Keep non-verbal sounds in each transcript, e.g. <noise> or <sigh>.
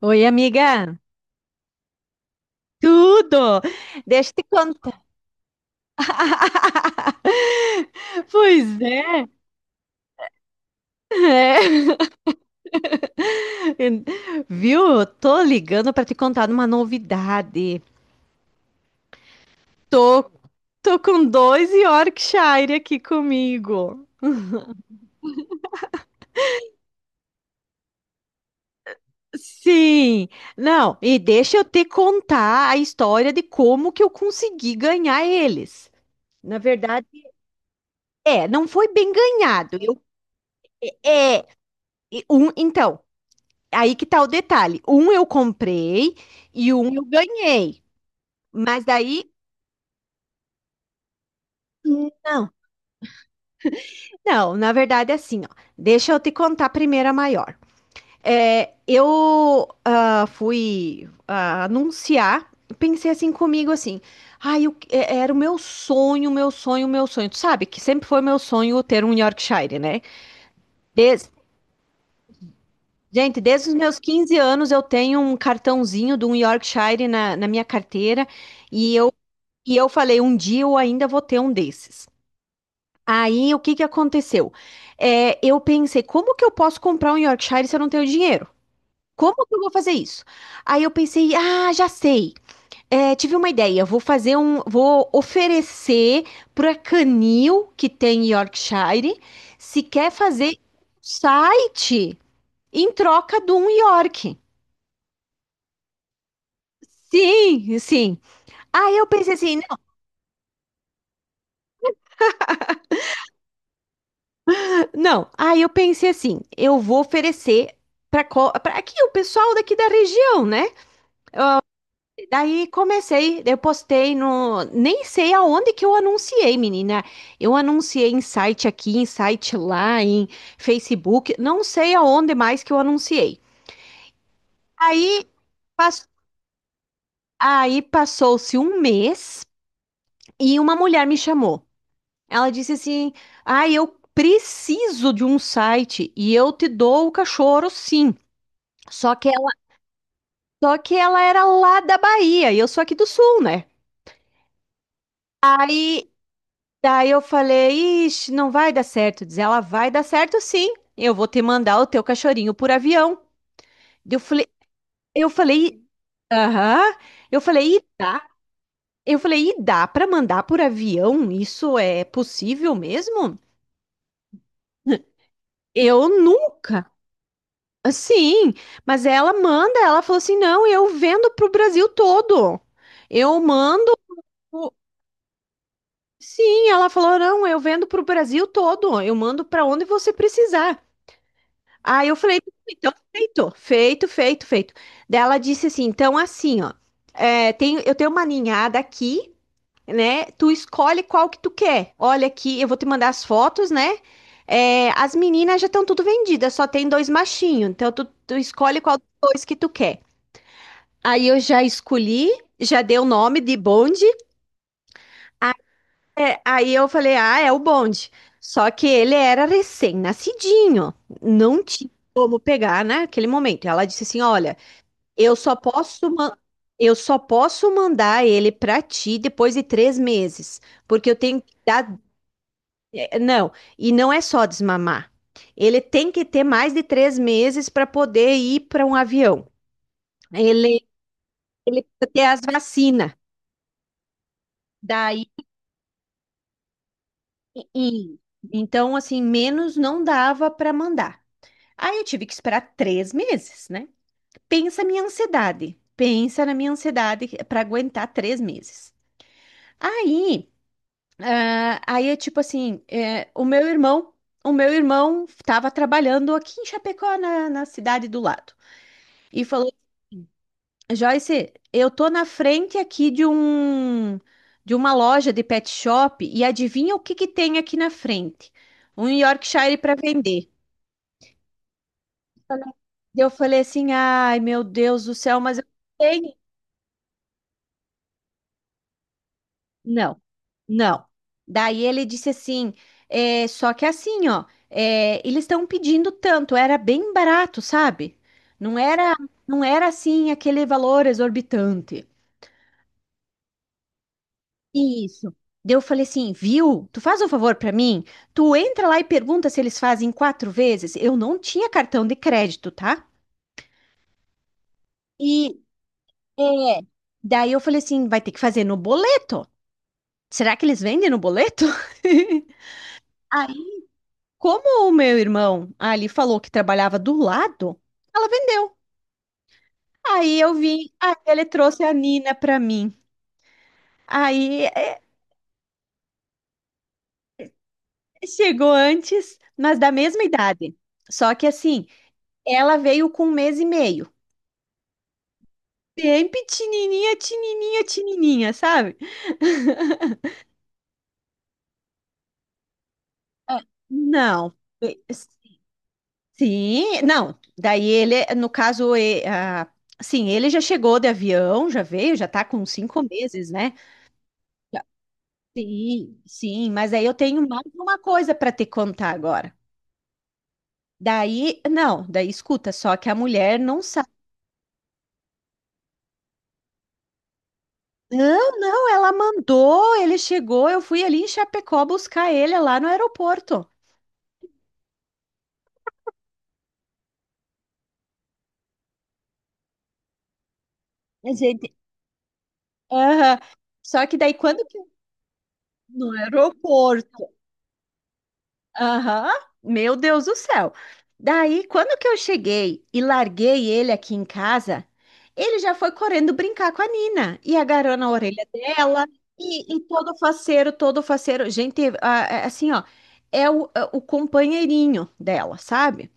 Oi, amiga. Tudo! Deixa eu te contar. <laughs> Pois é. É. Viu? Eu tô ligando para te contar uma novidade. Tô, tô com dois Yorkshire aqui comigo. Sim. Não, e deixa eu te contar a história de como que eu consegui ganhar eles. Na verdade, não foi bem ganhado. Eu, é, e um, então, aí que tá o detalhe. Um eu comprei e um eu ganhei. Mas daí, não. Não, na verdade é assim, ó. Deixa eu te contar primeiro a maior. Eu fui anunciar, pensei assim comigo assim, ai, era o meu sonho, meu sonho, meu sonho. Tu sabe que sempre foi meu sonho ter um Yorkshire, né? Des- Gente, desde os meus 15 anos eu tenho um cartãozinho de um Yorkshire na minha carteira. E E eu falei, um dia eu ainda vou ter um desses. Aí, o que que aconteceu? Eu pensei, como que eu posso comprar um Yorkshire se eu não tenho dinheiro? Como que eu vou fazer isso? Aí eu pensei, ah, já sei. Tive uma ideia, vou oferecer para canil que tem Yorkshire, se quer fazer site em troca de um York. Sim, sim. Aí eu pensei assim, não, aí eu pensei assim, eu vou oferecer para aqui o pessoal daqui da região, né? Daí comecei, eu postei nem sei aonde que eu anunciei, menina. Eu anunciei em site aqui, em site lá, em Facebook, não sei aonde mais que eu anunciei. Aí, pas- aí passou-se um mês e uma mulher me chamou. Ela disse assim: "Ah, eu preciso de um site e eu te dou o cachorro, sim." Só que Só que ela era lá da Bahia e eu sou aqui do Sul, né? Aí, daí eu falei, ixi, não vai dar certo. Diz ela, vai dar certo sim. Eu vou te mandar o teu cachorrinho por avião. Eu falei, eu falei, aham. Eu falei, e dá? Eu falei, e dá para mandar por avião? Isso é possível mesmo? Eu nunca. Sim, mas ela manda, ela falou assim, não, eu vendo pro Brasil todo. Eu mando. Sim, ela falou: não, eu vendo para o Brasil todo, eu mando para onde você precisar. Aí eu falei: então, feito, feito, feito, feito. Daí ela disse assim: então, assim, ó, eu tenho uma ninhada aqui, né? Tu escolhe qual que tu quer. Olha aqui, eu vou te mandar as fotos, né? É, as meninas já estão tudo vendidas, só tem dois machinhos, então tu escolhe qual dos dois que tu quer. Aí eu já escolhi, já dei o nome de bonde. Aí eu falei, ah, é o bonde. Só que ele era recém-nascidinho, não tinha como pegar naquele momento. Ela disse assim, olha, eu só posso ma- eu só posso mandar ele para ti depois de 3 meses, porque eu tenho que dar, não, e não é só desmamar. Ele tem que ter mais de 3 meses para poder ir para um avião. Ele ele precisa ter as vacinas. Daí, e- então assim, menos não dava para mandar. Aí eu tive que esperar 3 meses, né? Pensa a minha ansiedade. Pensa na minha ansiedade para aguentar 3 meses. Aí, ah, aí é tipo assim, é, o meu irmão, o meu irmão estava trabalhando aqui em Chapecó, na cidade do lado, e falou assim, Joyce, eu tô na frente aqui de uma loja de pet shop e adivinha o que que tem aqui na frente? Um Yorkshire para vender. E eu falei assim, ai, meu Deus do céu, mas eu não tenho. Não, não. Daí ele disse assim, só que assim, ó, eles estão pedindo tanto, era bem barato, sabe? Não era, não era assim aquele valor exorbitante. Isso. Daí eu falei assim, viu? Tu faz um favor pra mim? Tu entra lá e pergunta se eles fazem 4 vezes. Eu não tinha cartão de crédito, tá? E é, daí eu falei assim, vai ter que fazer no boleto. Será que eles vendem no boleto? <laughs> Aí, como o meu irmão ali falou que trabalhava do lado, ela vendeu. Aí eu vim, aí ele trouxe a Nina pra mim. Aí é, Chegou antes, mas da mesma idade. Só que assim, ela veio com um mês e meio. Bem pequenininha, tinininha, tinininha, sabe? É. Não. Sim, não, daí ele, no caso, e- ah, Sim, ele já chegou de avião, já veio, já tá com 5 meses, né? Já- Sim, sim, mas aí eu tenho mais uma coisa para te contar agora. Daí, não, daí escuta, só que a mulher não sabe. Não, não, ela mandou, ele chegou, eu fui ali em Chapecó buscar ele lá no aeroporto. A gente, aham. Só que daí quando que No aeroporto. Aham. Meu Deus do céu. Daí, quando que eu cheguei e larguei ele aqui em casa, ele já foi correndo brincar com a Nina e agarrou na orelha dela e todo faceiro, todo faceiro. Gente, assim, ó, é o companheirinho dela, sabe?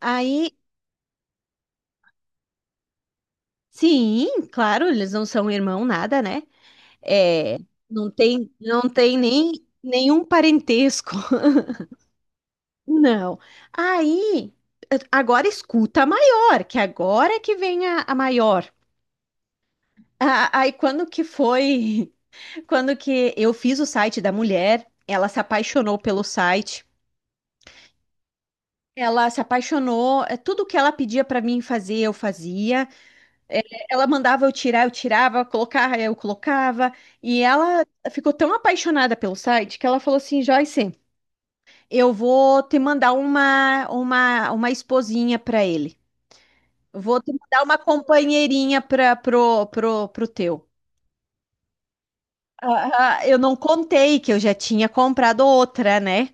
Aí, sim, claro, eles não são irmão nada, né? É, não tem, não tem nem nenhum parentesco. Não. Aí, agora escuta a maior, que agora é que vem a maior. Aí, quando que foi? <laughs> Quando que eu fiz o site da mulher, ela se apaixonou pelo site. Ela se apaixonou, é, tudo que ela pedia para mim fazer, eu fazia. É. Ela mandava eu tirar, eu tirava, colocar, eu colocava. E ela ficou tão apaixonada pelo site que ela falou assim: Joyce, eu vou te mandar uma esposinha para ele. Vou te mandar uma companheirinha para pro teu. Ah, ah, eu não contei que eu já tinha comprado outra, né?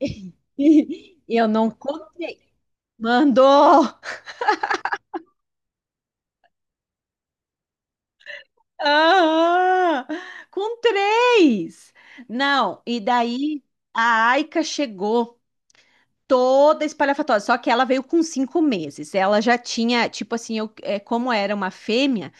<laughs> Eu não contei. Mandou! Ah, com três! Não, e daí a Aika chegou toda espalhafatosa, só que ela veio com 5 meses. Ela já tinha, tipo assim, como era uma fêmea,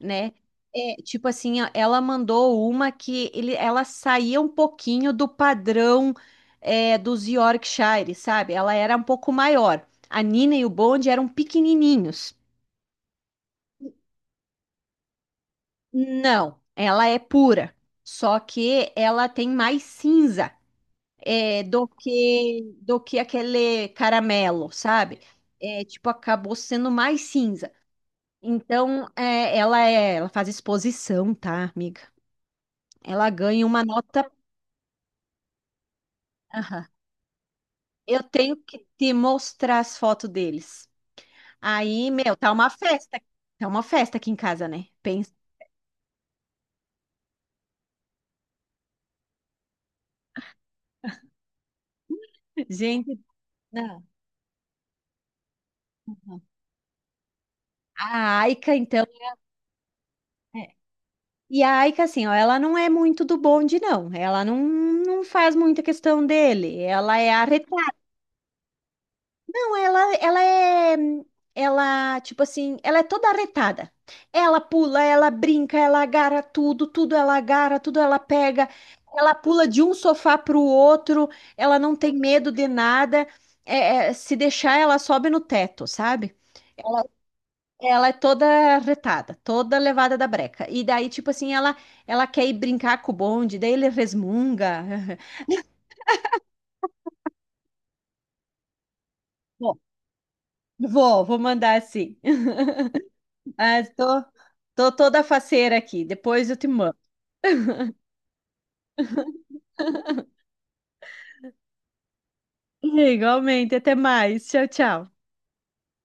né? Tipo assim, ó, ela mandou uma que ela saía um pouquinho do padrão dos Yorkshire, sabe? Ela era um pouco maior. A Nina e o Bond eram pequenininhos. Não, ela é pura. Só que ela tem mais cinza, do que aquele caramelo, sabe? É, tipo, acabou sendo mais cinza. Então, é, ela faz exposição, tá, amiga? Ela ganha uma nota. Eu tenho que te mostrar as fotos deles. Aí, meu, tá uma festa. Tá uma festa aqui em casa, né? Pensa. Gente, não. Não. A Aika, então. É. E a Aika, assim, ó, ela não é muito do bonde, não. Ela não faz muita questão dele. Ela é arretada. Não, tipo assim, ela é toda arretada. Ela pula, ela brinca, ela agarra tudo, tudo ela agarra, tudo ela pega. Ela pula de um sofá pro outro, ela não tem medo de nada. Se deixar, ela sobe no teto, sabe? Ela é toda arretada, toda levada da breca. E daí, tipo assim, ela quer ir brincar com o bonde, daí ele resmunga. <laughs> Bom, vou mandar assim. Ah, tô, Tô toda faceira aqui. Depois eu te mando. <laughs> Igualmente, até mais. Tchau, tchau.